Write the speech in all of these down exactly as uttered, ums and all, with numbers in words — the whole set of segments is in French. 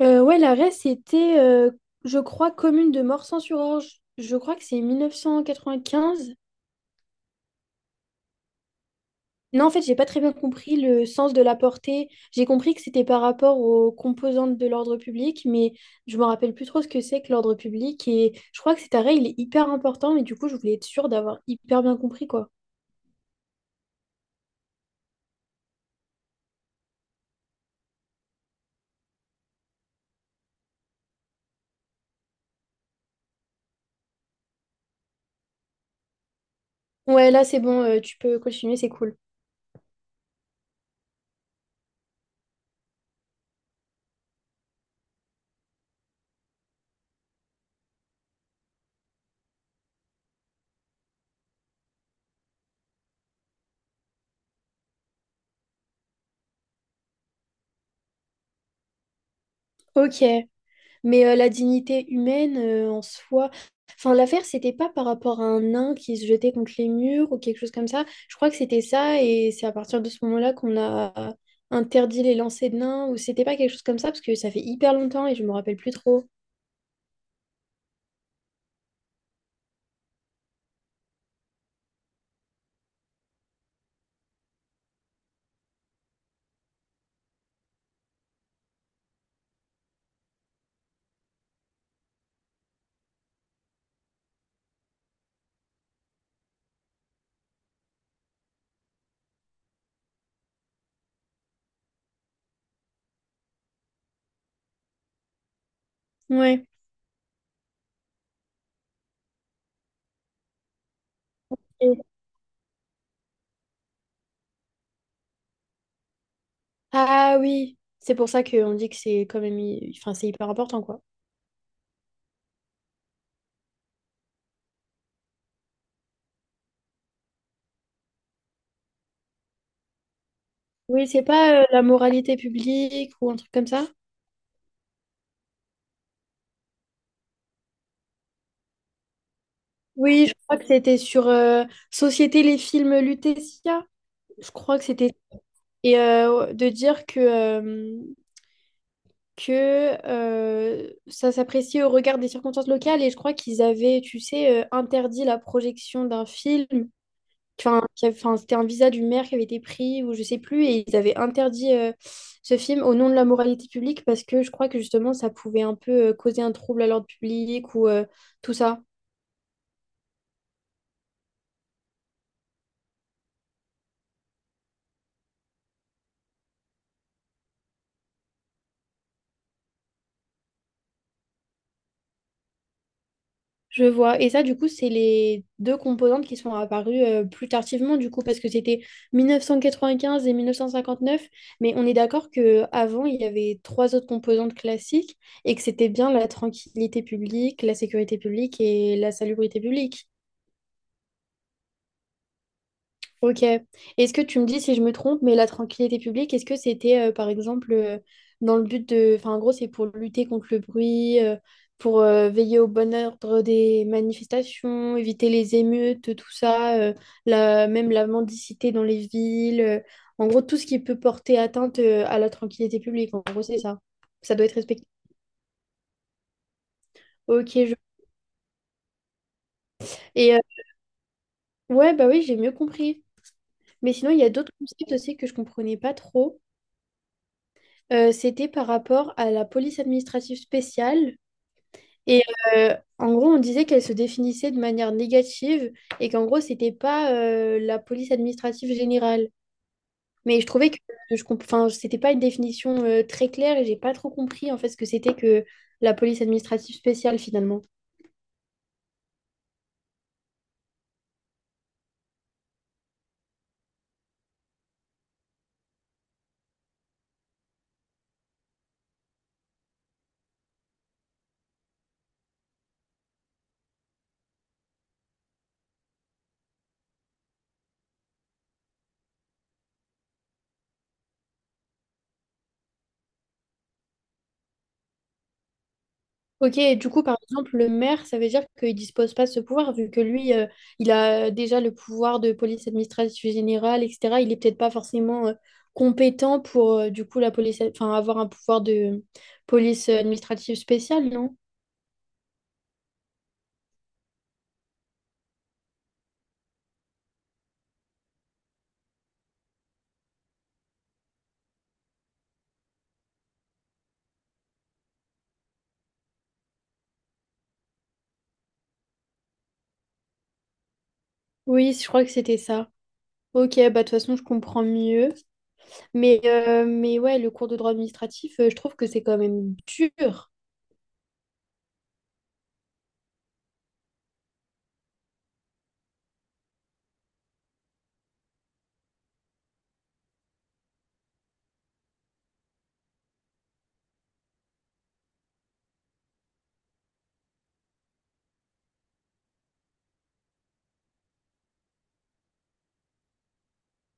Euh, ouais, l'arrêt, c'était, euh, je crois, commune de Morsang-sur-Orge. Je crois que c'est mille neuf cent quatre-vingt quinze. Non, en fait, j'ai pas très bien compris le sens de la portée. J'ai compris que c'était par rapport aux composantes de l'ordre public, mais je me rappelle plus trop ce que c'est que l'ordre public. Et je crois que cet arrêt, il est hyper important, mais du coup, je voulais être sûre d'avoir hyper bien compris, quoi. Ouais, là, c'est bon, euh, tu peux continuer, c'est cool. Ok. Mais euh, la dignité humaine euh, en soi. Enfin, l'affaire, c'était pas par rapport à un nain qui se jetait contre les murs ou quelque chose comme ça. Je crois que c'était ça, et c'est à partir de ce moment-là qu'on a interdit les lancers de nains, ou c'était pas quelque chose comme ça, parce que ça fait hyper longtemps et je me rappelle plus trop. Ouais. Et- Ah oui, c'est pour ça qu'on dit que c'est quand même. hy- Enfin, c'est hyper important, quoi. Oui, c'est pas euh, la moralité publique ou un truc comme ça. Oui, je crois que c'était sur euh, Société les films Lutetia. Je crois que c'était et euh, de dire que, euh, que euh, ça s'appréciait au regard des circonstances locales. Et je crois qu'ils avaient, tu sais, euh, interdit la projection d'un film. Enfin, qui avait- enfin, c'était un visa du maire qui avait été pris, ou je sais plus, et ils avaient interdit euh, ce film au nom de la moralité publique parce que je crois que justement ça pouvait un peu euh, causer un trouble à l'ordre public ou euh, tout ça. Je vois. Et ça, du coup, c'est les deux composantes qui sont apparues euh, plus tardivement, du coup, parce que c'était mille neuf cent quatre-vingt-quinze et mille neuf cent cinquante-neuf. Mais on est d'accord que avant il y avait trois autres composantes classiques et que c'était bien la tranquillité publique, la sécurité publique et la salubrité publique. Ok. Est-ce que tu me dis si je me trompe, mais la tranquillité publique, est-ce que c'était euh, par exemple euh, dans le but de... Enfin, en gros, c'est pour lutter contre le bruit, euh, pour euh, veiller au bon ordre des manifestations, éviter les émeutes, tout ça, euh, la... même la mendicité dans les villes. Euh, en gros, tout ce qui peut porter atteinte euh, à la tranquillité publique. En gros, c'est ça. Ça doit être respecté. Ok. je- Et euh, ouais, bah oui, j'ai mieux compris. Mais sinon, il y a d'autres concepts aussi que je comprenais pas trop. Euh, c'était par rapport à la police administrative spéciale. Et euh, en gros, on disait qu'elle se définissait de manière négative et qu'en gros, c'était pas euh, la police administrative générale. Mais je trouvais que je comp- enfin, c'était pas une définition euh, très claire et j'ai pas trop compris en fait ce que c'était que la police administrative spéciale finalement. Ok, et du coup, par exemple, le maire, ça veut dire qu'il dispose pas de ce pouvoir, vu que lui, euh, il a déjà le pouvoir de police administrative générale, et cetera. Il est peut-être pas forcément euh, compétent pour, euh, du coup, la police, enfin, avoir un pouvoir de police administrative spéciale, non? Oui, je crois que c'était ça. Ok, bah, de toute façon, je comprends mieux. Mais, euh, mais ouais, le cours de droit administratif, euh, je trouve que c'est quand même dur.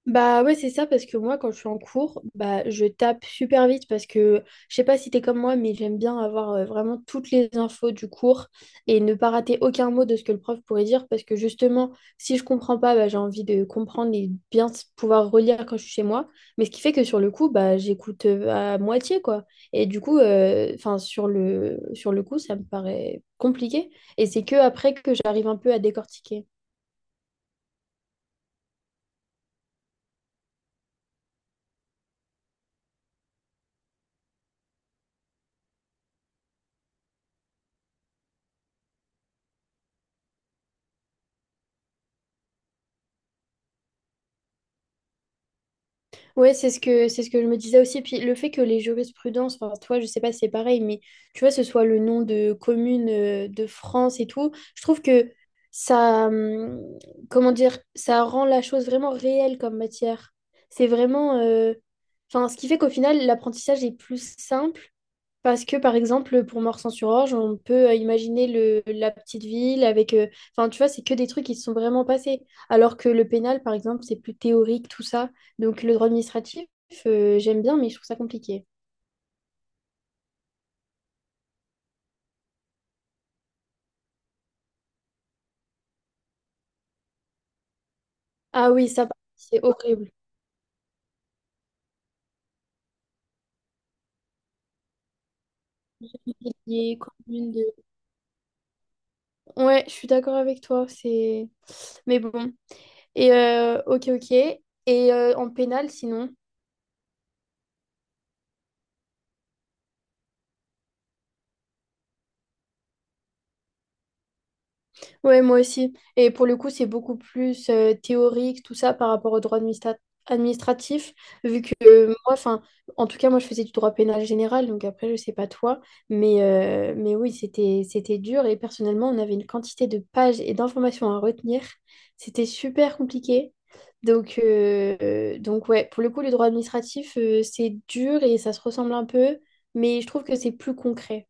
Bah ouais, c'est ça, parce que moi, quand je suis en cours, bah je tape super vite parce que je sais pas si t'es comme moi, mais j'aime bien avoir euh, vraiment toutes les infos du cours et ne pas rater aucun mot de ce que le prof pourrait dire parce que justement, si je comprends pas, bah, j'ai envie de comprendre et bien s- pouvoir relire quand je suis chez moi. Mais ce qui fait que sur le coup, bah j'écoute euh, à moitié, quoi. Et du coup, enfin, sur le, sur le coup, ça me paraît compliqué. Et c'est que après que j'arrive un peu à décortiquer. Ouais, c'est ce que c'est ce que je me disais aussi. Puis le fait que les jurisprudences, enfin toi, je sais pas si c'est pareil, mais tu vois, ce soit le nom de commune euh, de France et tout, je trouve que ça, hum, comment dire, ça rend la chose vraiment réelle comme matière. C'est vraiment, euh, enfin, ce qui fait qu'au final, l'apprentissage est plus simple parce que, par exemple, pour Morsan-sur-Orge, on peut euh, imaginer le, la petite ville avec... euh, Enfin, tu vois, c'est que des trucs qui se sont vraiment passés. Alors que le pénal, par exemple, c'est plus théorique, tout ça. Donc, le droit administratif, euh, j'aime bien, mais je trouve ça compliqué. Ah oui, ça, par contre, c'est horrible. Lié, commune de- Ouais, je suis d'accord avec toi, c'est... Mais bon. Et, euh, ok, ok. Et euh, en pénal, sinon? Ouais, moi aussi. Et pour le coup, c'est beaucoup plus euh, théorique, tout ça, par rapport au droit administra- administratif, vu que euh, moi, enfin, en tout cas, moi, je faisais du droit pénal général, donc après, je sais pas toi, mais, euh, mais oui, c'était, c'était dur, et personnellement, on avait une quantité de pages et d'informations à retenir. C'était super compliqué. Donc, euh, euh, donc ouais, pour le coup, le droit administratif, euh, c'est dur et ça se ressemble un peu, mais je trouve que c'est plus concret.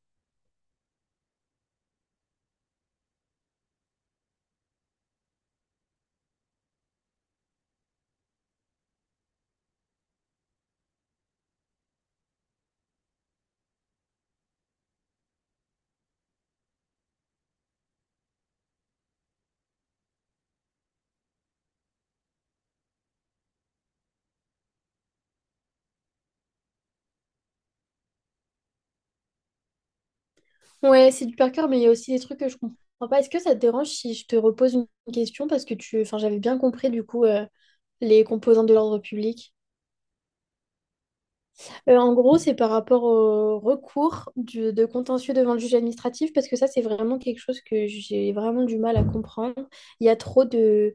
Ouais, c'est du par cœur, mais il y a aussi des trucs que je comprends pas. Est-ce que ça te dérange si je te repose une question parce que tu, enfin, j'avais bien compris du coup euh, les composantes de l'ordre public. Euh, en gros, c'est par rapport au recours du- de contentieux devant le juge administratif parce que ça, c'est vraiment quelque chose que j'ai vraiment du mal à comprendre. Il y a trop de,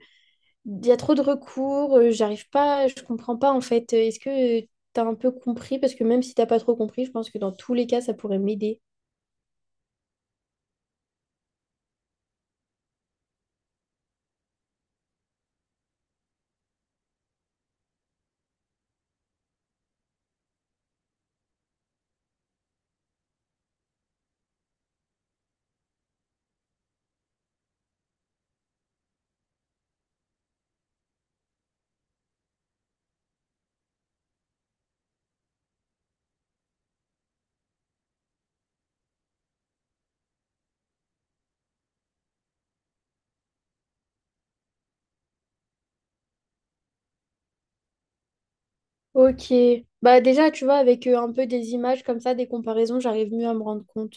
il y a trop de recours. Euh, j'arrive pas, je comprends pas en fait. Est-ce que t'as un peu compris? Parce que même si t'as pas trop compris, je pense que dans tous les cas, ça pourrait m'aider. Ok. Bah déjà, tu vois, avec euh, un peu des images comme ça, des comparaisons, j'arrive mieux à me rendre compte.